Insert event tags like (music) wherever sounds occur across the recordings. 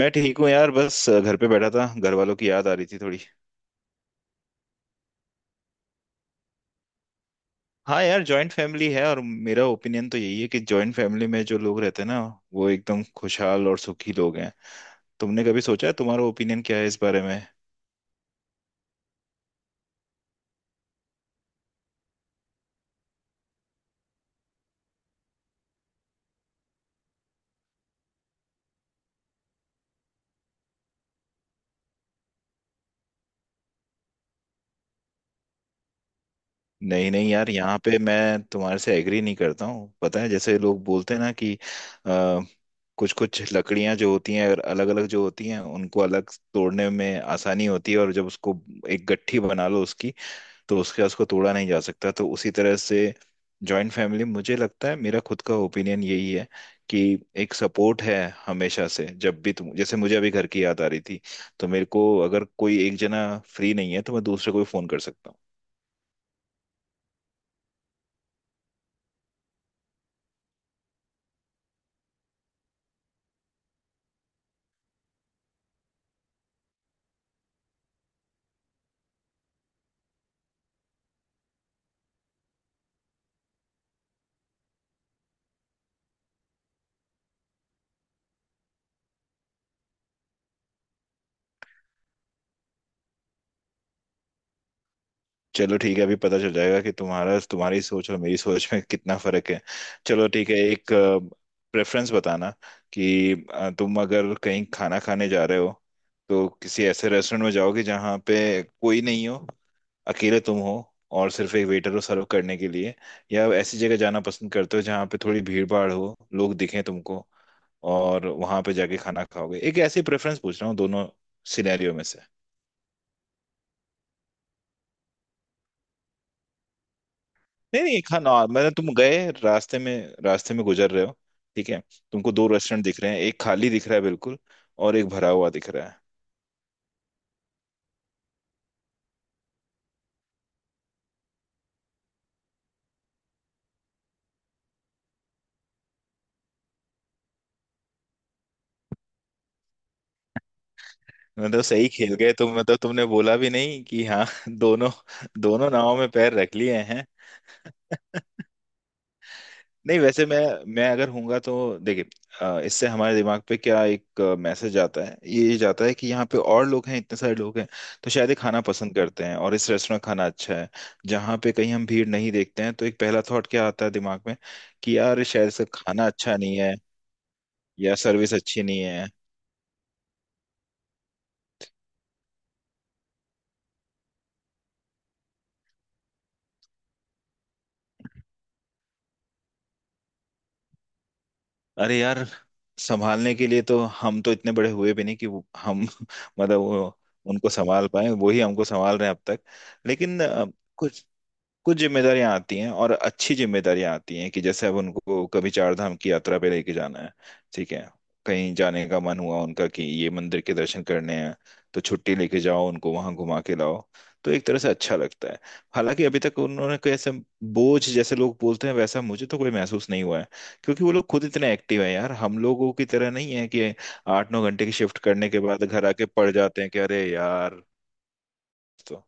मैं ठीक हूँ यार। बस घर पे बैठा था, घर वालों की याद आ रही थी थोड़ी। हाँ यार, जॉइंट फैमिली है और मेरा ओपिनियन तो यही है कि जॉइंट फैमिली में जो लोग रहते हैं ना, वो एकदम खुशहाल और सुखी लोग हैं। तुमने कभी सोचा है, तुम्हारा ओपिनियन क्या है इस बारे में? नहीं नहीं यार, यहाँ पे मैं तुम्हारे से एग्री नहीं करता हूँ। पता है जैसे लोग बोलते हैं ना कि आ, कुछ कुछ लकड़ियां जो होती हैं और अलग अलग जो होती हैं उनको अलग तोड़ने में आसानी होती है, और जब उसको एक गट्ठी बना लो उसकी, तो उसके उसको तोड़ा नहीं जा सकता। तो उसी तरह से जॉइंट फैमिली, मुझे लगता है, मेरा खुद का ओपिनियन यही है कि एक सपोर्ट है हमेशा से। जब भी तुम, जैसे मुझे अभी घर की याद आ रही थी, तो मेरे को अगर कोई एक जना फ्री नहीं है तो मैं दूसरे को भी फोन कर सकता हूँ। चलो ठीक है, अभी पता चल जाएगा कि तुम्हारा तुम्हारी सोच और मेरी सोच में कितना फर्क है। चलो ठीक है, एक प्रेफरेंस बताना कि तुम अगर कहीं खाना खाने जा रहे हो तो किसी ऐसे रेस्टोरेंट में जाओगे जहाँ पे कोई नहीं हो, अकेले तुम हो और सिर्फ एक वेटर हो सर्व करने के लिए, या ऐसी जगह जाना पसंद करते हो जहाँ पे थोड़ी भीड़ भाड़ हो, लोग दिखें तुमको और वहां पे जाके खाना खाओगे? एक ऐसी प्रेफरेंस पूछ रहा हूँ, दोनों सिनेरियो में से। नहीं नहीं खाना, मैंने तुम गए रास्ते में, रास्ते में गुजर रहे हो, ठीक है। तुमको दो रेस्टोरेंट दिख रहे हैं, एक खाली दिख रहा है बिल्कुल और एक भरा हुआ दिख रहा है। मैं तो सही खेल गए तुम, मतलब तुमने बोला भी नहीं कि हाँ (laughs) दोनों दोनों नावों में पैर रख लिए। नहीं वैसे मैं अगर होऊंगा तो देखिए, इससे हमारे दिमाग पे क्या एक मैसेज आता है, ये जाता है कि यहाँ पे और लोग हैं, इतने सारे लोग हैं तो शायद ये खाना पसंद करते हैं और इस रेस्टोरेंट खाना अच्छा है। जहाँ पे कहीं हम भीड़ नहीं देखते हैं तो एक पहला थॉट क्या आता है दिमाग में, कि यार शायद इसका खाना अच्छा नहीं है, या सर्विस अच्छी नहीं है। अरे यार, संभालने के लिए तो हम तो इतने बड़े हुए भी नहीं कि हम (laughs) मतलब वो उनको संभाल पाए। वही हमको संभाल रहे हैं अब तक। लेकिन कुछ कुछ जिम्मेदारियां आती हैं, और अच्छी जिम्मेदारियां आती हैं, कि जैसे अब उनको कभी चार धाम की यात्रा पे लेके जाना है, ठीक है। कहीं जाने का मन हुआ उनका कि ये मंदिर के दर्शन करने हैं, तो छुट्टी लेके जाओ, उनको वहां घुमा के लाओ। तो एक तरह से अच्छा लगता है। हालांकि अभी तक उन्होंने कोई ऐसा बोझ, जैसे लोग बोलते हैं वैसा, मुझे तो कोई महसूस नहीं हुआ है, क्योंकि वो लोग खुद इतने एक्टिव हैं यार। हम लोगों की तरह नहीं है कि 8 9 घंटे की शिफ्ट करने के बाद घर आके पड़ जाते हैं कि अरे यार। तो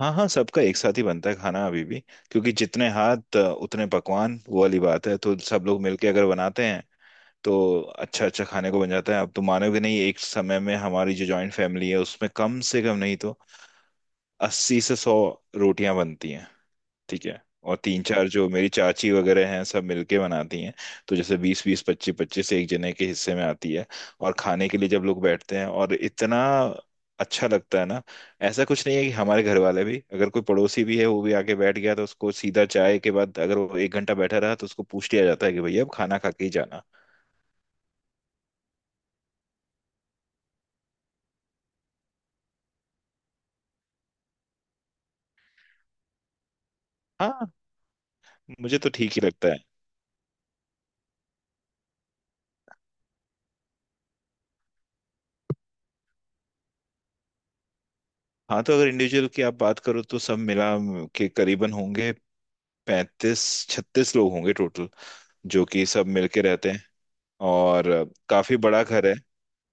हाँ हाँ, सबका एक साथ ही बनता है खाना अभी भी, क्योंकि जितने हाथ उतने पकवान, वो वाली बात है। तो सब लोग मिलके अगर बनाते हैं तो अच्छा अच्छा खाने को बन जाता है। आप तो मानोगे नहीं, एक समय में हमारी जो जॉइंट फैमिली है उसमें कम से कम नहीं तो 80 से 100 रोटियां बनती हैं, ठीक है। और तीन चार जो मेरी चाची वगैरह हैं, सब मिलके बनाती हैं, तो जैसे 20 20 25 25 एक जने के हिस्से में आती है। और खाने के लिए जब लोग बैठते हैं, और इतना अच्छा लगता है ना। ऐसा कुछ नहीं है, कि हमारे घर वाले भी अगर कोई पड़ोसी भी है, वो भी आके बैठ गया, तो उसको सीधा चाय के बाद अगर वो एक घंटा बैठा रहा तो उसको पूछ लिया जाता है कि भैया अब खाना खा के ही जाना। हाँ, मुझे तो ठीक ही लगता है। हाँ तो अगर इंडिविजुअल की आप बात करो, तो सब मिला के करीबन होंगे 35 36 लोग होंगे टोटल, जो कि सब मिलके रहते हैं। और काफी बड़ा घर है।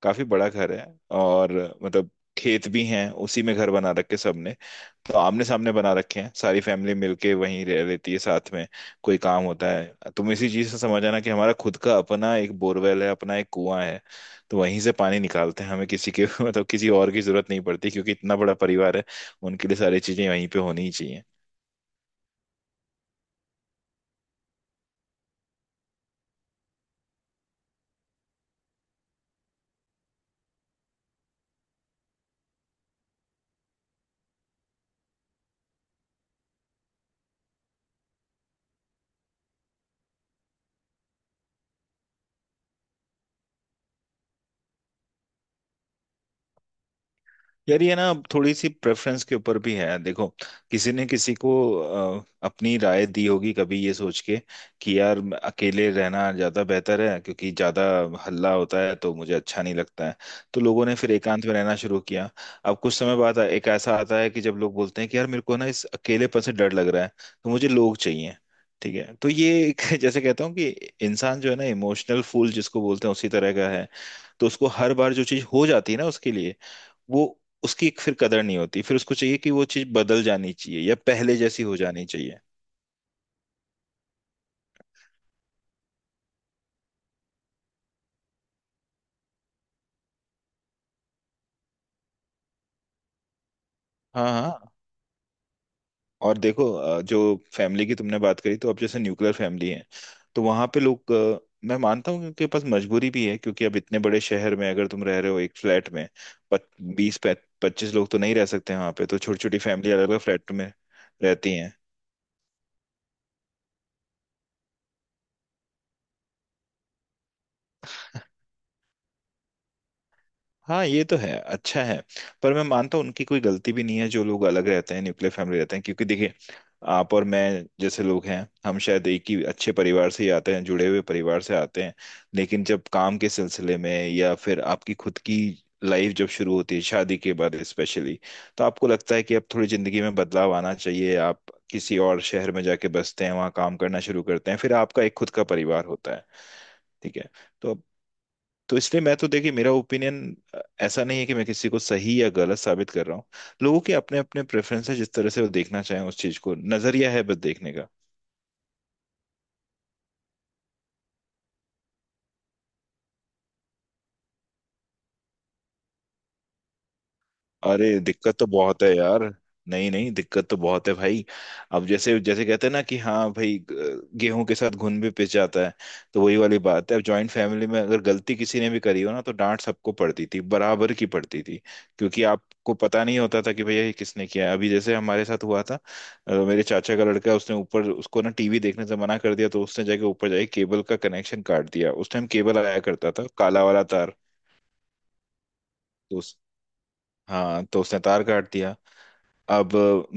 काफी बड़ा घर है, और मतलब खेत भी हैं, उसी में घर बना रखे सबने। तो आमने सामने बना रखे हैं, सारी फैमिली मिलके वहीं रह लेती है साथ में। कोई काम होता है, तुम इसी चीज से समझ आना कि हमारा खुद का अपना एक बोरवेल है, अपना एक कुआं है। तो वहीं से पानी निकालते हैं, हमें किसी के (laughs) मतलब किसी और की जरूरत नहीं पड़ती, क्योंकि इतना बड़ा परिवार है, उनके लिए सारी चीजें वहीं पे होनी ही चाहिए। यार ये ना अब थोड़ी सी प्रेफरेंस के ऊपर भी है। देखो, किसी ने किसी को अपनी राय दी होगी कभी, ये सोच के कि यार अकेले रहना ज्यादा बेहतर है, क्योंकि ज्यादा हल्ला होता है तो मुझे अच्छा नहीं लगता है। तो लोगों ने फिर एकांत में रहना शुरू किया। अब कुछ समय बाद एक ऐसा आता है कि जब लोग बोलते हैं कि यार मेरे को ना इस अकेलेपन से डर लग रहा है, तो मुझे लोग चाहिए। ठीक है। तो ये एक (laughs) जैसे कहता हूँ कि इंसान जो है ना, इमोशनल फूल जिसको बोलते हैं उसी तरह का है। तो उसको हर बार जो चीज हो जाती है ना, उसके लिए वो, उसकी एक फिर कदर नहीं होती। फिर उसको चाहिए कि वो चीज बदल जानी चाहिए या पहले जैसी हो जानी चाहिए। हाँ हाँ। और देखो, जो फैमिली की तुमने बात करी, तो अब जैसे न्यूक्लियर फैमिली है, तो वहां पे लोग, मैं मानता हूँ कि उनके पास मजबूरी भी है, क्योंकि अब इतने बड़े शहर में अगर तुम रह रहे हो एक फ्लैट में, 20 25 लोग तो नहीं रह सकते वहां पे। तो छोटी छोटी फैमिली अलग अलग फ्लैट में रहती हैं। हाँ ये तो है, अच्छा है। पर मैं मानता हूँ उनकी कोई गलती भी नहीं है, जो लोग अलग रहते हैं, न्यूक्लियर फैमिली रहते हैं, क्योंकि देखिए, आप और मैं जैसे लोग हैं, हम शायद एक ही अच्छे परिवार से ही आते हैं, जुड़े हुए परिवार से आते हैं। लेकिन जब काम के सिलसिले में, या फिर आपकी खुद की लाइफ जब शुरू होती है शादी के बाद स्पेशली, तो आपको लगता है कि अब थोड़ी जिंदगी में बदलाव आना चाहिए। आप किसी और शहर में जाके बसते हैं, वहाँ काम करना शुरू करते हैं, फिर आपका एक खुद का परिवार होता है, ठीक है। तो इसलिए मैं तो देखिए, मेरा ओपिनियन ऐसा नहीं है कि मैं किसी को सही या गलत साबित कर रहा हूँ। लोगों के अपने अपने प्रेफरेंस है, जिस तरह से वो देखना चाहें उस चीज को, नजरिया है बस देखने का। अरे दिक्कत तो बहुत है यार। नहीं नहीं दिक्कत तो बहुत है भाई। अब जैसे जैसे कहते हैं ना कि हाँ भाई, गेहूं के साथ घुन भी पिस जाता है। तो वही वाली बात है। अब जॉइंट फैमिली में अगर गलती किसी ने भी करी हो ना, तो डांट सबको पड़ती थी, बराबर की पड़ती थी, क्योंकि आपको पता नहीं होता था कि भैया ये किसने किया है। अभी जैसे हमारे साथ हुआ था, मेरे चाचा का लड़का है, उसने ऊपर, उसको ना टीवी देखने से मना कर दिया, तो उसने जाके ऊपर जाके केबल का कनेक्शन काट दिया। उस टाइम केबल आया करता था, काला वाला तार। तो उस, हाँ तो उसने तार काट दिया। अब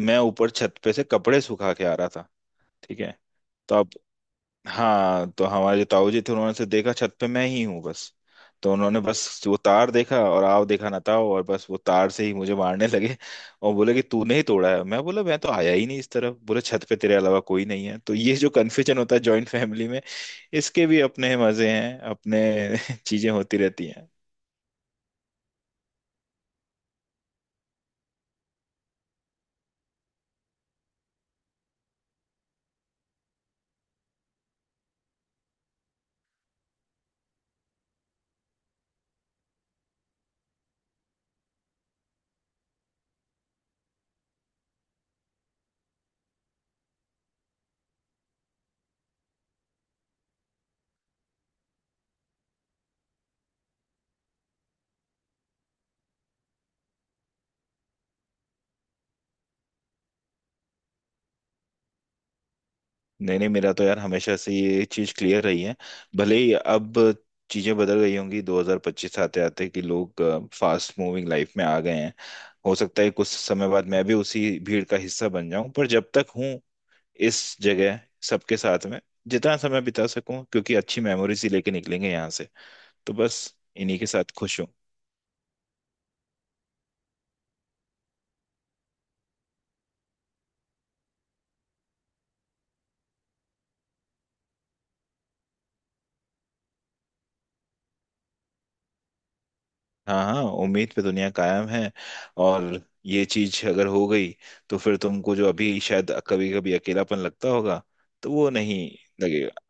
मैं ऊपर छत पे से कपड़े सुखा के आ रहा था, ठीक है। तो अब हाँ, तो हमारे जो ताऊ जी थे, उन्होंने से देखा छत पे मैं ही हूँ बस। तो उन्होंने बस वो तार देखा, और आओ देखा ना ताओ, और बस वो तार से ही मुझे मारने लगे। और बोले कि तूने ही तोड़ा है। मैं बोला मैं तो आया ही नहीं इस तरफ। बोले छत पे तेरे अलावा कोई नहीं है। तो ये जो कन्फ्यूजन होता है जॉइंट फैमिली में, इसके भी अपने मजे हैं अपने (laughs) चीजें होती रहती। नहीं नहीं मेरा तो यार हमेशा से ये चीज क्लियर रही है। भले ही अब चीजें बदल गई होंगी 2025 आते आते, कि लोग फास्ट मूविंग लाइफ में आ गए हैं। हो सकता है कुछ समय बाद मैं भी उसी भीड़ का हिस्सा बन जाऊं, पर जब तक हूं इस जगह, सबके साथ में जितना समय बिता सकूं, क्योंकि अच्छी मेमोरीज ही लेके निकलेंगे यहाँ से। तो बस, इन्हीं के साथ खुश हूं। हाँ हाँ, उम्मीद पे दुनिया कायम है। और ये चीज अगर हो गई, तो फिर तुमको जो अभी शायद कभी कभी अकेलापन लगता होगा, तो वो नहीं लगेगा।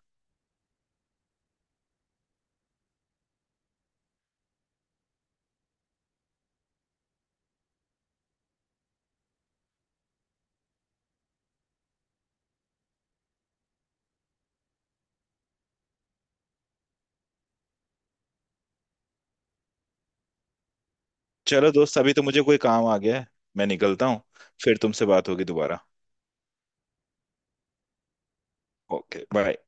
चलो दोस्त, अभी तो मुझे कोई काम आ गया है, मैं निकलता हूँ। फिर तुमसे बात होगी दोबारा। Okay bye.